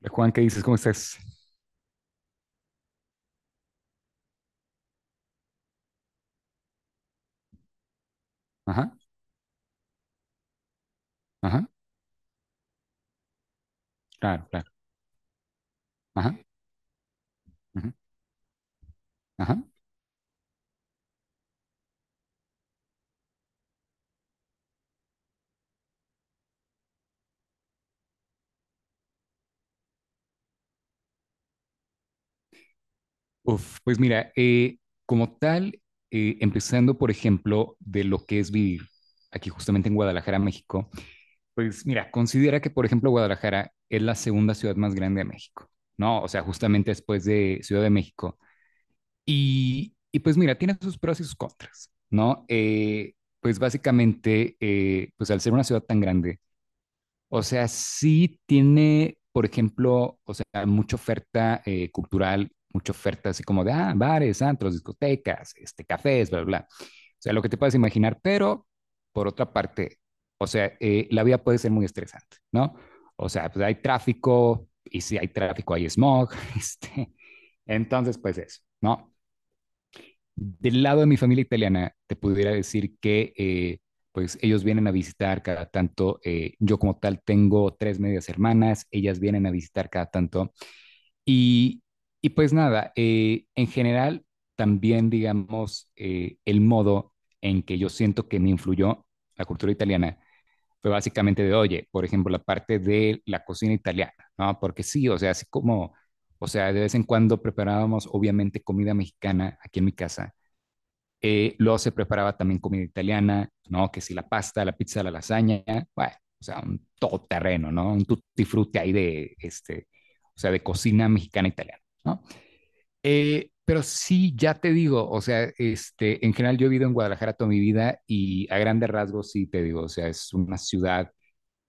Hola, Juan, ¿qué dices? ¿Cómo estás? Ajá, ajá, claro, claro. Ajá, ajá, ajá. Uf, pues mira, como tal, empezando por ejemplo de lo que es vivir aquí justamente en Guadalajara, México. Pues mira, considera que por ejemplo Guadalajara es la segunda ciudad más grande de México, ¿no? O sea, justamente después de Ciudad de México. Y pues mira, tiene sus pros y sus contras, ¿no? Pues básicamente, pues al ser una ciudad tan grande, o sea, sí tiene, por ejemplo, o sea, mucha oferta cultural, mucha oferta así como de ah, bares, antros, discotecas, este, cafés, bla, bla. Bla. O sea, lo que te puedes imaginar, pero por otra parte, o sea, la vida puede ser muy estresante, ¿no? O sea, pues hay tráfico, y si hay tráfico hay smog, este, entonces pues eso, ¿no? Del lado de mi familia italiana, te pudiera decir que pues ellos vienen a visitar cada tanto. Yo como tal tengo tres medias hermanas, ellas vienen a visitar cada tanto y, y pues nada, en general también digamos el modo en que yo siento que me influyó la cultura italiana fue básicamente de, oye, por ejemplo, la parte de la cocina italiana, ¿no? Porque sí, o sea, así como, o sea, de vez en cuando preparábamos obviamente comida mexicana aquí en mi casa. Luego se preparaba también comida italiana, ¿no? Que si la pasta, la pizza, la lasaña, bueno, o sea, un todoterreno, ¿no? Un tutti frutti ahí de, este, o sea, de cocina mexicana e italiana, ¿no? Pero sí, ya te digo, o sea, este, en general yo he vivido en Guadalajara toda mi vida y a grandes rasgos sí te digo, o sea, es una ciudad,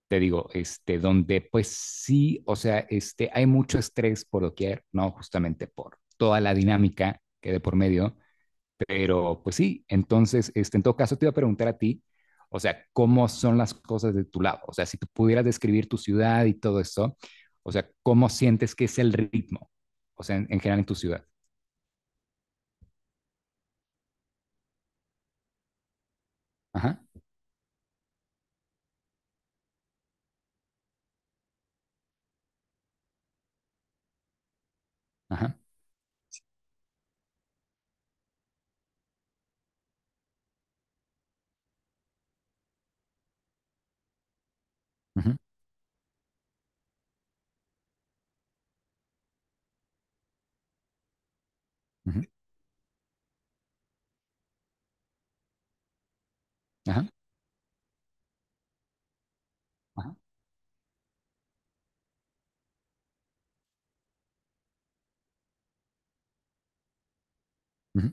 te digo, este, donde pues sí, o sea, este, hay mucho estrés por doquier, ¿no? Justamente por toda la dinámica que de por medio, pero pues sí, entonces, este, en todo caso te iba a preguntar a ti, o sea, ¿cómo son las cosas de tu lado? O sea, si tú pudieras describir tu ciudad y todo esto, o sea, ¿cómo sientes que es el ritmo? O sea, en general en tu ciudad. Ajá, ajá, ujú, ujú, ajá, ajá, ujú,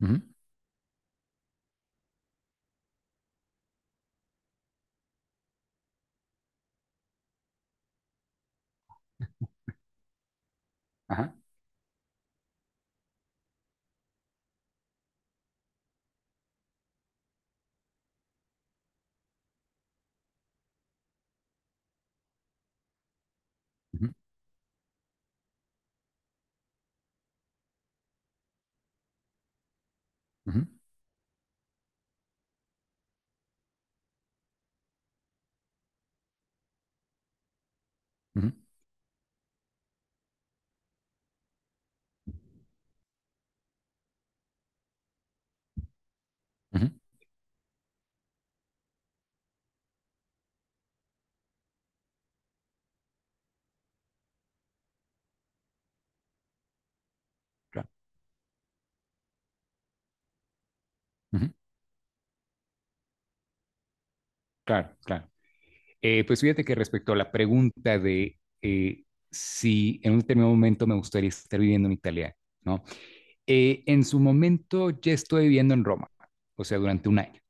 ujú, ajá, ujú, ujú, ujú, ujú, claro, ujú, claro, claro. Pues fíjate que respecto a la pregunta de si en un determinado momento me gustaría estar viviendo en Italia, ¿no? En su momento ya estoy viviendo en Roma, o sea, durante un año.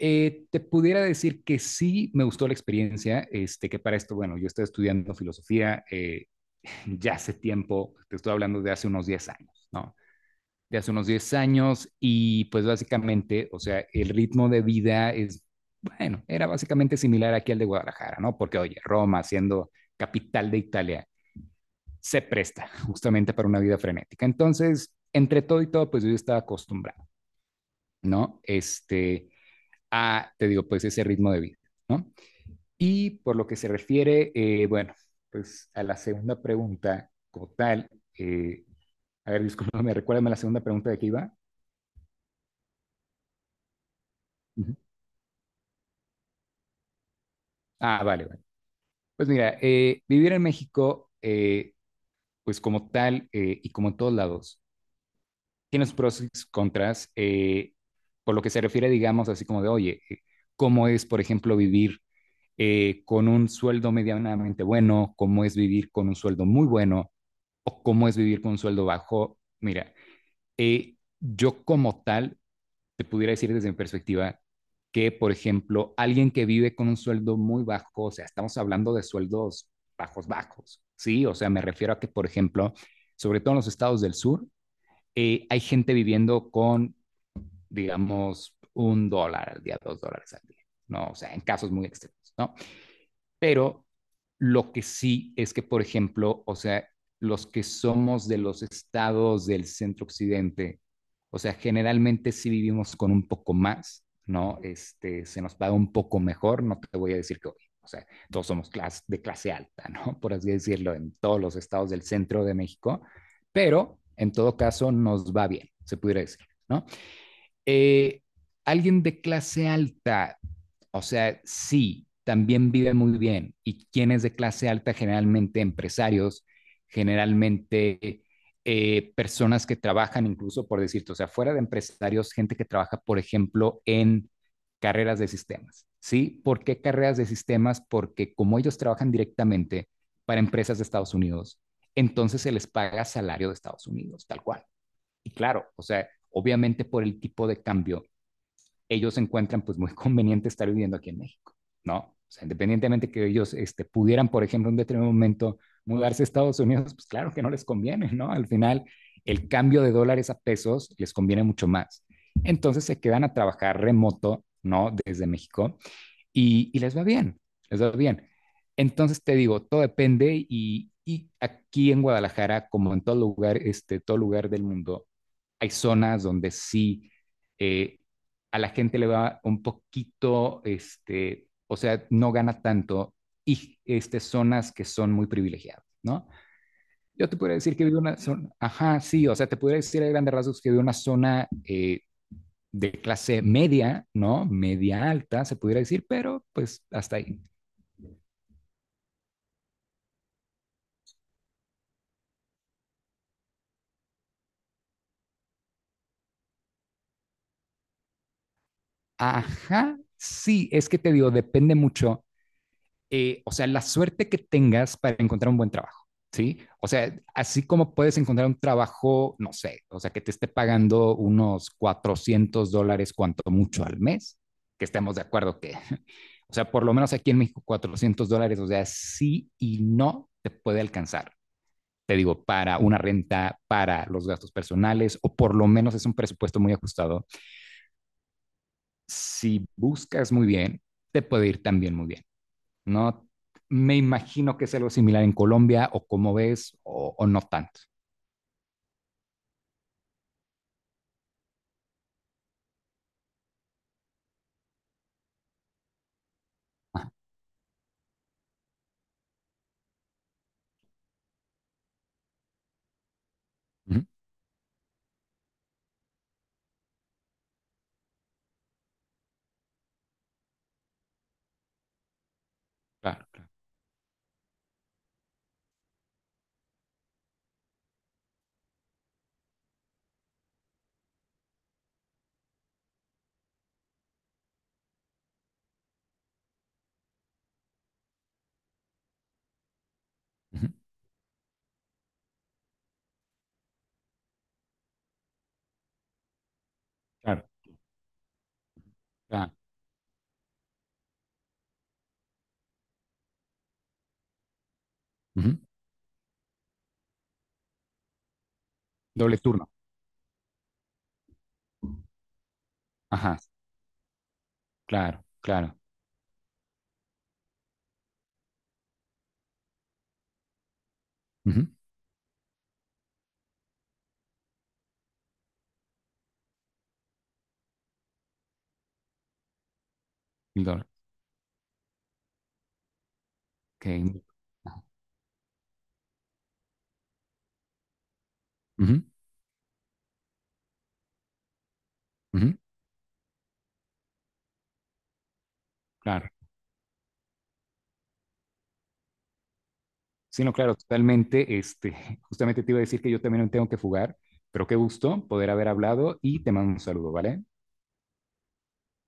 Te pudiera decir que sí me gustó la experiencia, este, que para esto, bueno, yo estoy estudiando filosofía ya hace tiempo, te estoy hablando de hace unos 10 años, ¿no? De hace unos 10 años y pues básicamente, o sea, el ritmo de vida es, bueno, era básicamente similar aquí al de Guadalajara, ¿no? Porque, oye, Roma, siendo capital de Italia, se presta justamente para una vida frenética. Entonces, entre todo y todo, pues yo estaba acostumbrado, ¿no? Este, a, te digo, pues ese ritmo de vida, ¿no? Y por lo que se refiere, bueno, pues a la segunda pregunta, como tal, eh, a ver, discúlpame, recuérdame la segunda pregunta de qué iba. Uh -huh. Ah, vale, vale. Pues mira, vivir en México, pues como tal, y como en todos lados, tiene sus pros y sus contras. Por lo que se refiere, digamos, así como de, oye, ¿cómo es, por ejemplo, vivir con un sueldo medianamente bueno? ¿Cómo es vivir con un sueldo muy bueno? ¿O cómo es vivir con un sueldo bajo? Mira, yo como tal, te pudiera decir desde mi perspectiva que, por ejemplo, alguien que vive con un sueldo muy bajo, o sea, estamos hablando de sueldos bajos, bajos, ¿sí? O sea, me refiero a que, por ejemplo, sobre todo en los estados del sur, hay gente viviendo con, digamos, $1 al día, $2 al día, ¿no? O sea, en casos muy extremos, ¿no? Pero lo que sí es que, por ejemplo, o sea, los que somos de los estados del centro occidente, o sea, generalmente sí vivimos con un poco más, ¿no? Este, se nos paga un poco mejor, no te voy a decir que hoy, o sea, todos somos clase, de clase alta, ¿no? Por así decirlo, en todos los estados del centro de México, pero en todo caso nos va bien, se pudiera decir, ¿no? Eh, alguien de clase alta, o sea, sí, también vive muy bien. ¿Y quién es de clase alta? Generalmente empresarios, generalmente personas que trabajan incluso, por decirte, o sea, fuera de empresarios, gente que trabaja, por ejemplo, en carreras de sistemas. ¿Sí? ¿Por qué carreras de sistemas? Porque como ellos trabajan directamente para empresas de Estados Unidos, entonces se les paga salario de Estados Unidos, tal cual. Y claro, o sea, obviamente por el tipo de cambio, ellos encuentran pues muy conveniente estar viviendo aquí en México, ¿no? O sea, independientemente que ellos este, pudieran, por ejemplo, en un determinado momento mudarse a Estados Unidos, pues claro que no les conviene, ¿no? Al final, el cambio de dólares a pesos les conviene mucho más. Entonces se quedan a trabajar remoto, ¿no? Desde México y les va bien, les va bien. Entonces te digo, todo depende y aquí en Guadalajara, como en todo lugar, este, todo lugar del mundo, hay zonas donde sí eh, a la gente le va un poquito, este, o sea, no gana tanto y este, zonas que son muy privilegiadas, ¿no? Yo te podría decir que vivo en una zona, ajá, sí, o sea, te podría decir a grandes rasgos que vivo en una zona de clase media, ¿no? Media alta, se pudiera decir, pero pues hasta ahí. Ajá, sí, es que te digo, depende mucho, o sea, la suerte que tengas para encontrar un buen trabajo, ¿sí? O sea, así como puedes encontrar un trabajo, no sé, o sea, que te esté pagando unos $400 cuanto mucho al mes, que estemos de acuerdo que, o sea, por lo menos aquí en México $400, o sea, sí y no te puede alcanzar. Te digo, para una renta, para los gastos personales, o por lo menos es un presupuesto muy ajustado. Si buscas muy bien, te puede ir también muy bien, ¿no? Me imagino que es algo similar en Colombia, o como ves, o no tanto. Uh -huh. Claro, uh -huh. Claro, claro. Uh -huh. Doble turno. Ajá, claro, claro. Uh-huh. Doble. Okay. Ajá. Uh-huh. Uh-huh. Claro, sí, no, claro, totalmente. Este, justamente te iba a decir que yo también me tengo que fugar, pero qué gusto poder haber hablado y te mando un saludo, ¿vale?